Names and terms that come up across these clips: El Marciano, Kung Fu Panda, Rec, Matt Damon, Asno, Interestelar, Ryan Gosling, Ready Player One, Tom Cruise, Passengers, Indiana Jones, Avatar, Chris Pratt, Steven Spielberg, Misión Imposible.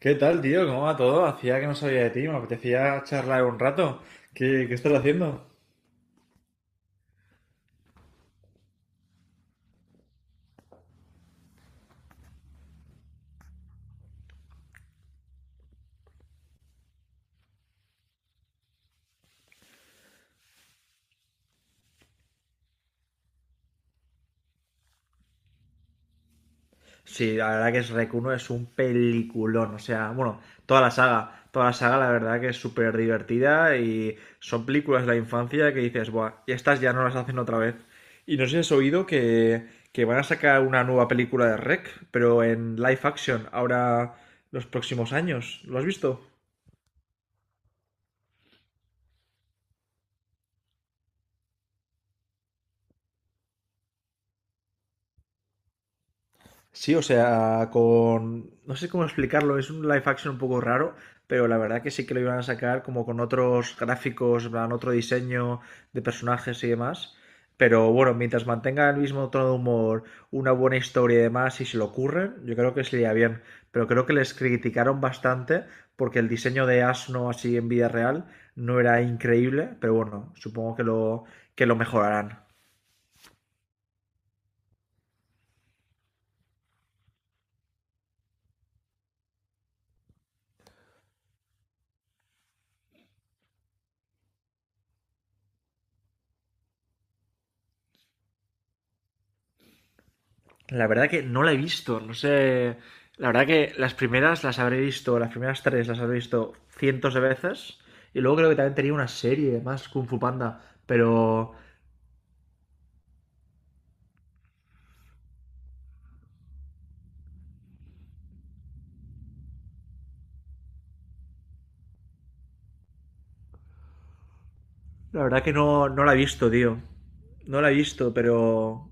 ¿Qué tal, tío? ¿Cómo va todo? Hacía que no sabía de ti, me apetecía charlar un rato. ¿Qué estás haciendo? Sí, la verdad que es Rec uno es un peliculón, o sea, bueno, toda la saga la verdad que es súper divertida y son películas de la infancia que dices, buah, y estas ya no las hacen otra vez. Y no sé si has oído que van a sacar una nueva película de Rec, pero en live action, ahora los próximos años. ¿Lo has visto? Sí, o sea, con... No sé cómo explicarlo, es un live action un poco raro, pero la verdad que sí que lo iban a sacar como con otros gráficos, en plan, otro diseño de personajes y demás. Pero bueno, mientras mantenga el mismo tono de humor, una buena historia y demás, y se lo ocurren, yo creo que sería bien. Pero creo que les criticaron bastante porque el diseño de Asno así en vida real no era increíble, pero bueno, supongo que lo mejorarán. La verdad que no la he visto, no sé. La verdad que las primeras las habré visto, las primeras tres las habré visto cientos de veces. Y luego creo que también tenía una serie más, Kung Fu Panda. Pero la verdad que no, no la he visto, tío. No la he visto, pero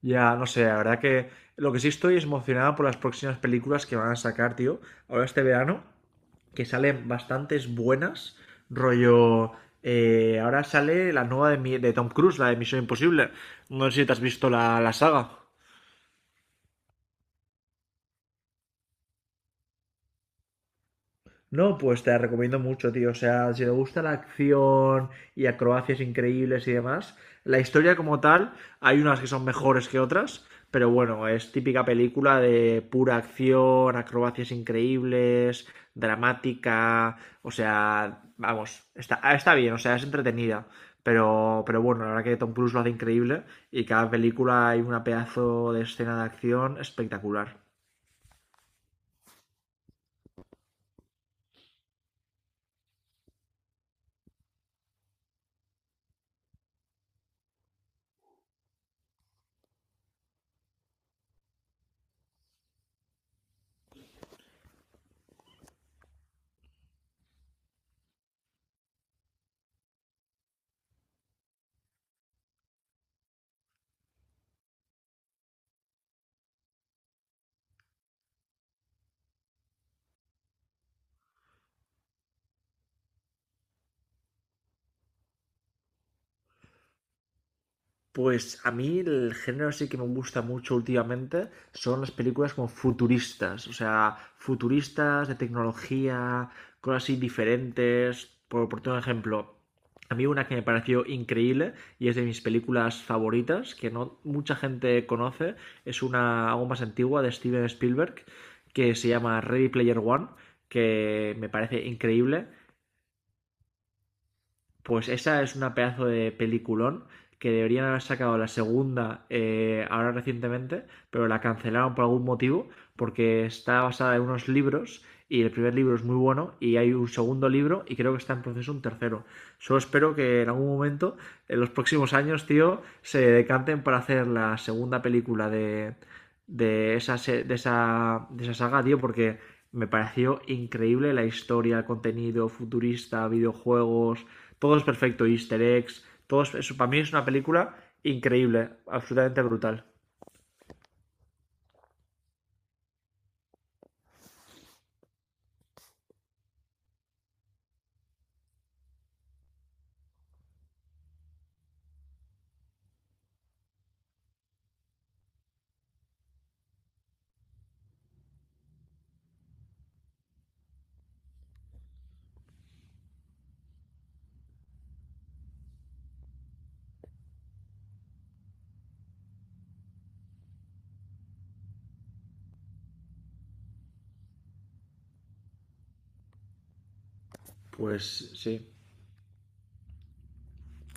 ya, no sé, la verdad que lo que sí estoy es emocionado por las próximas películas que van a sacar, tío. Ahora este verano, que salen bastantes buenas, rollo... ahora sale la nueva de Tom Cruise, la de Misión Imposible. No sé si te has visto la saga. No, pues te la recomiendo mucho, tío. O sea, si te gusta la acción y acrobacias increíbles y demás, la historia como tal, hay unas que son mejores que otras, pero bueno, es típica película de pura acción, acrobacias increíbles, dramática, o sea, vamos, está bien, o sea, es entretenida. Pero bueno, la verdad que Tom Cruise lo hace increíble y cada película hay una pedazo de escena de acción espectacular. Pues a mí el género sí que me gusta mucho últimamente son las películas como futuristas, o sea, futuristas de tecnología, cosas así diferentes. Por todo ejemplo, a mí una que me pareció increíble y es de mis películas favoritas, que no mucha gente conoce, es una algo más antigua de Steven Spielberg, que se llama Ready Player One, que me parece increíble. Pues esa es una pedazo de peliculón que deberían haber sacado la segunda, ahora recientemente, pero la cancelaron por algún motivo, porque está basada en unos libros y el primer libro es muy bueno y hay un segundo libro y creo que está en proceso un tercero. Solo espero que en algún momento, en los próximos años, tío, se decanten para hacer la segunda película de, esa, de esa saga, tío, porque me pareció increíble la historia, el contenido futurista, videojuegos, todo es perfecto, easter eggs, eso. Para mí es una película increíble, absolutamente brutal. Pues sí.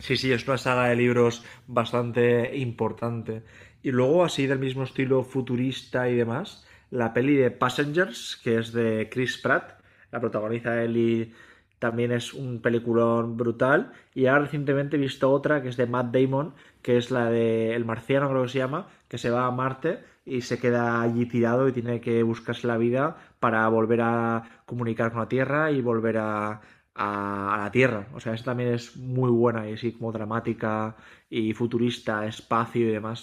Sí, sí, es una saga de libros bastante importante. Y luego, así del mismo estilo futurista y demás, la peli de Passengers, que es de Chris Pratt, la protagoniza él y también es un peliculón brutal. Y ahora recientemente he visto otra que es de Matt Damon, que es la de El Marciano, creo que se llama, que se va a Marte y se queda allí tirado y tiene que buscarse la vida para volver a comunicar con la Tierra y volver a la Tierra. O sea, esa también es muy buena y así como dramática y futurista, espacio y demás.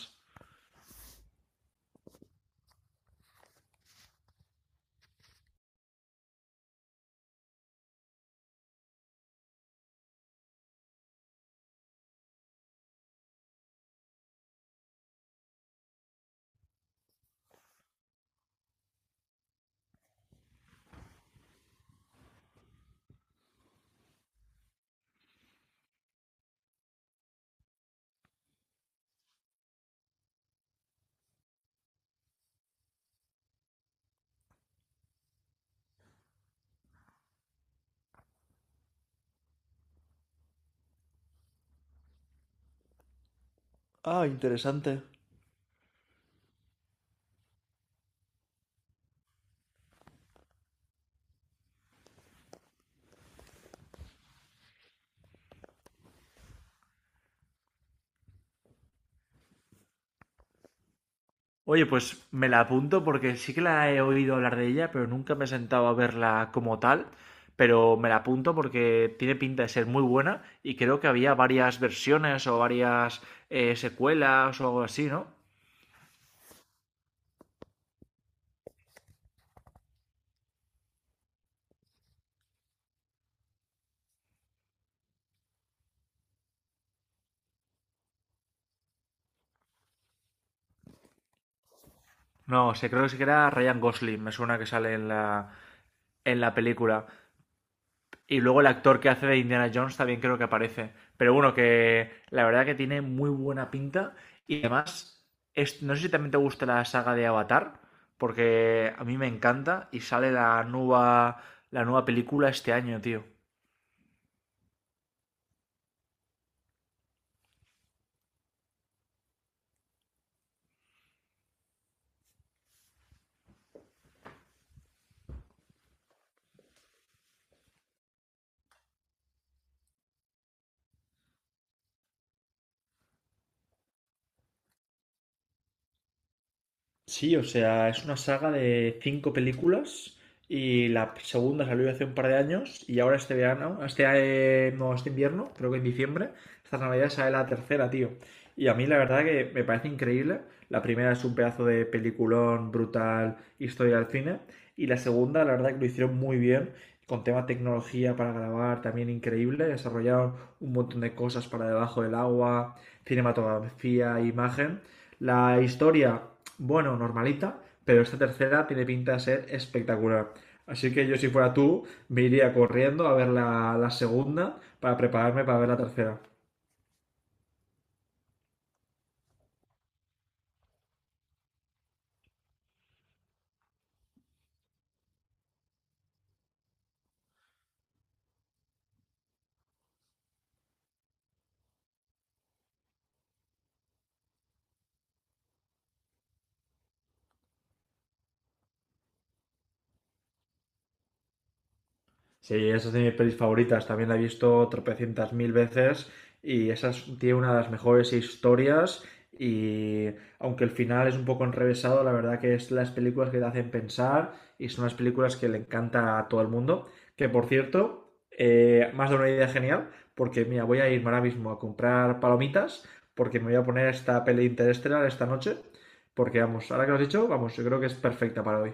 Ah, interesante. Oye, pues me la apunto porque sí que la he oído hablar de ella, pero nunca me he sentado a verla como tal. Pero me la apunto porque tiene pinta de ser muy buena y creo que había varias versiones o varias secuelas o algo así, ¿no? No, sé, creo que sí que era Ryan Gosling, me suena que sale en la película. Y luego el actor que hace de Indiana Jones también creo que aparece. Pero bueno, que la verdad que tiene muy buena pinta. Y además, es- no sé si también te gusta la saga de Avatar, porque a mí me encanta y sale la nueva película este año, tío. Sí, o sea, es una saga de cinco películas y la segunda salió hace un par de años y ahora este verano, este, no, este invierno, creo que en diciembre, esta Navidad sale la tercera, tío. Y a mí la verdad que me parece increíble. La primera es un pedazo de peliculón brutal, historia del cine. Y la segunda, la verdad que lo hicieron muy bien, con tema tecnología para grabar también increíble. Desarrollaron un montón de cosas para debajo del agua, cinematografía, imagen. La historia, bueno, normalita, pero esta tercera tiene pinta de ser espectacular. Así que yo si fuera tú, me iría corriendo a ver la segunda para prepararme para ver la tercera. Sí, esa es de mis pelis favoritas. También la he visto tropecientas mil veces y esa es- tiene una de las mejores historias. Y aunque el final es un poco enrevesado, la verdad que es las películas que te hacen pensar y son las películas que le encanta a todo el mundo. Que por cierto, me has dado una idea genial porque mira, voy a irme ahora mismo a comprar palomitas porque me voy a poner esta peli Interestelar esta noche. Porque vamos, ahora que lo has dicho, vamos, yo creo que es perfecta para hoy.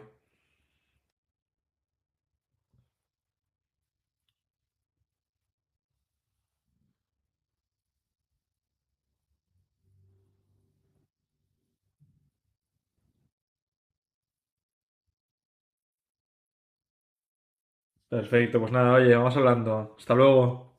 Perfecto, pues nada, oye, vamos hablando. Hasta luego.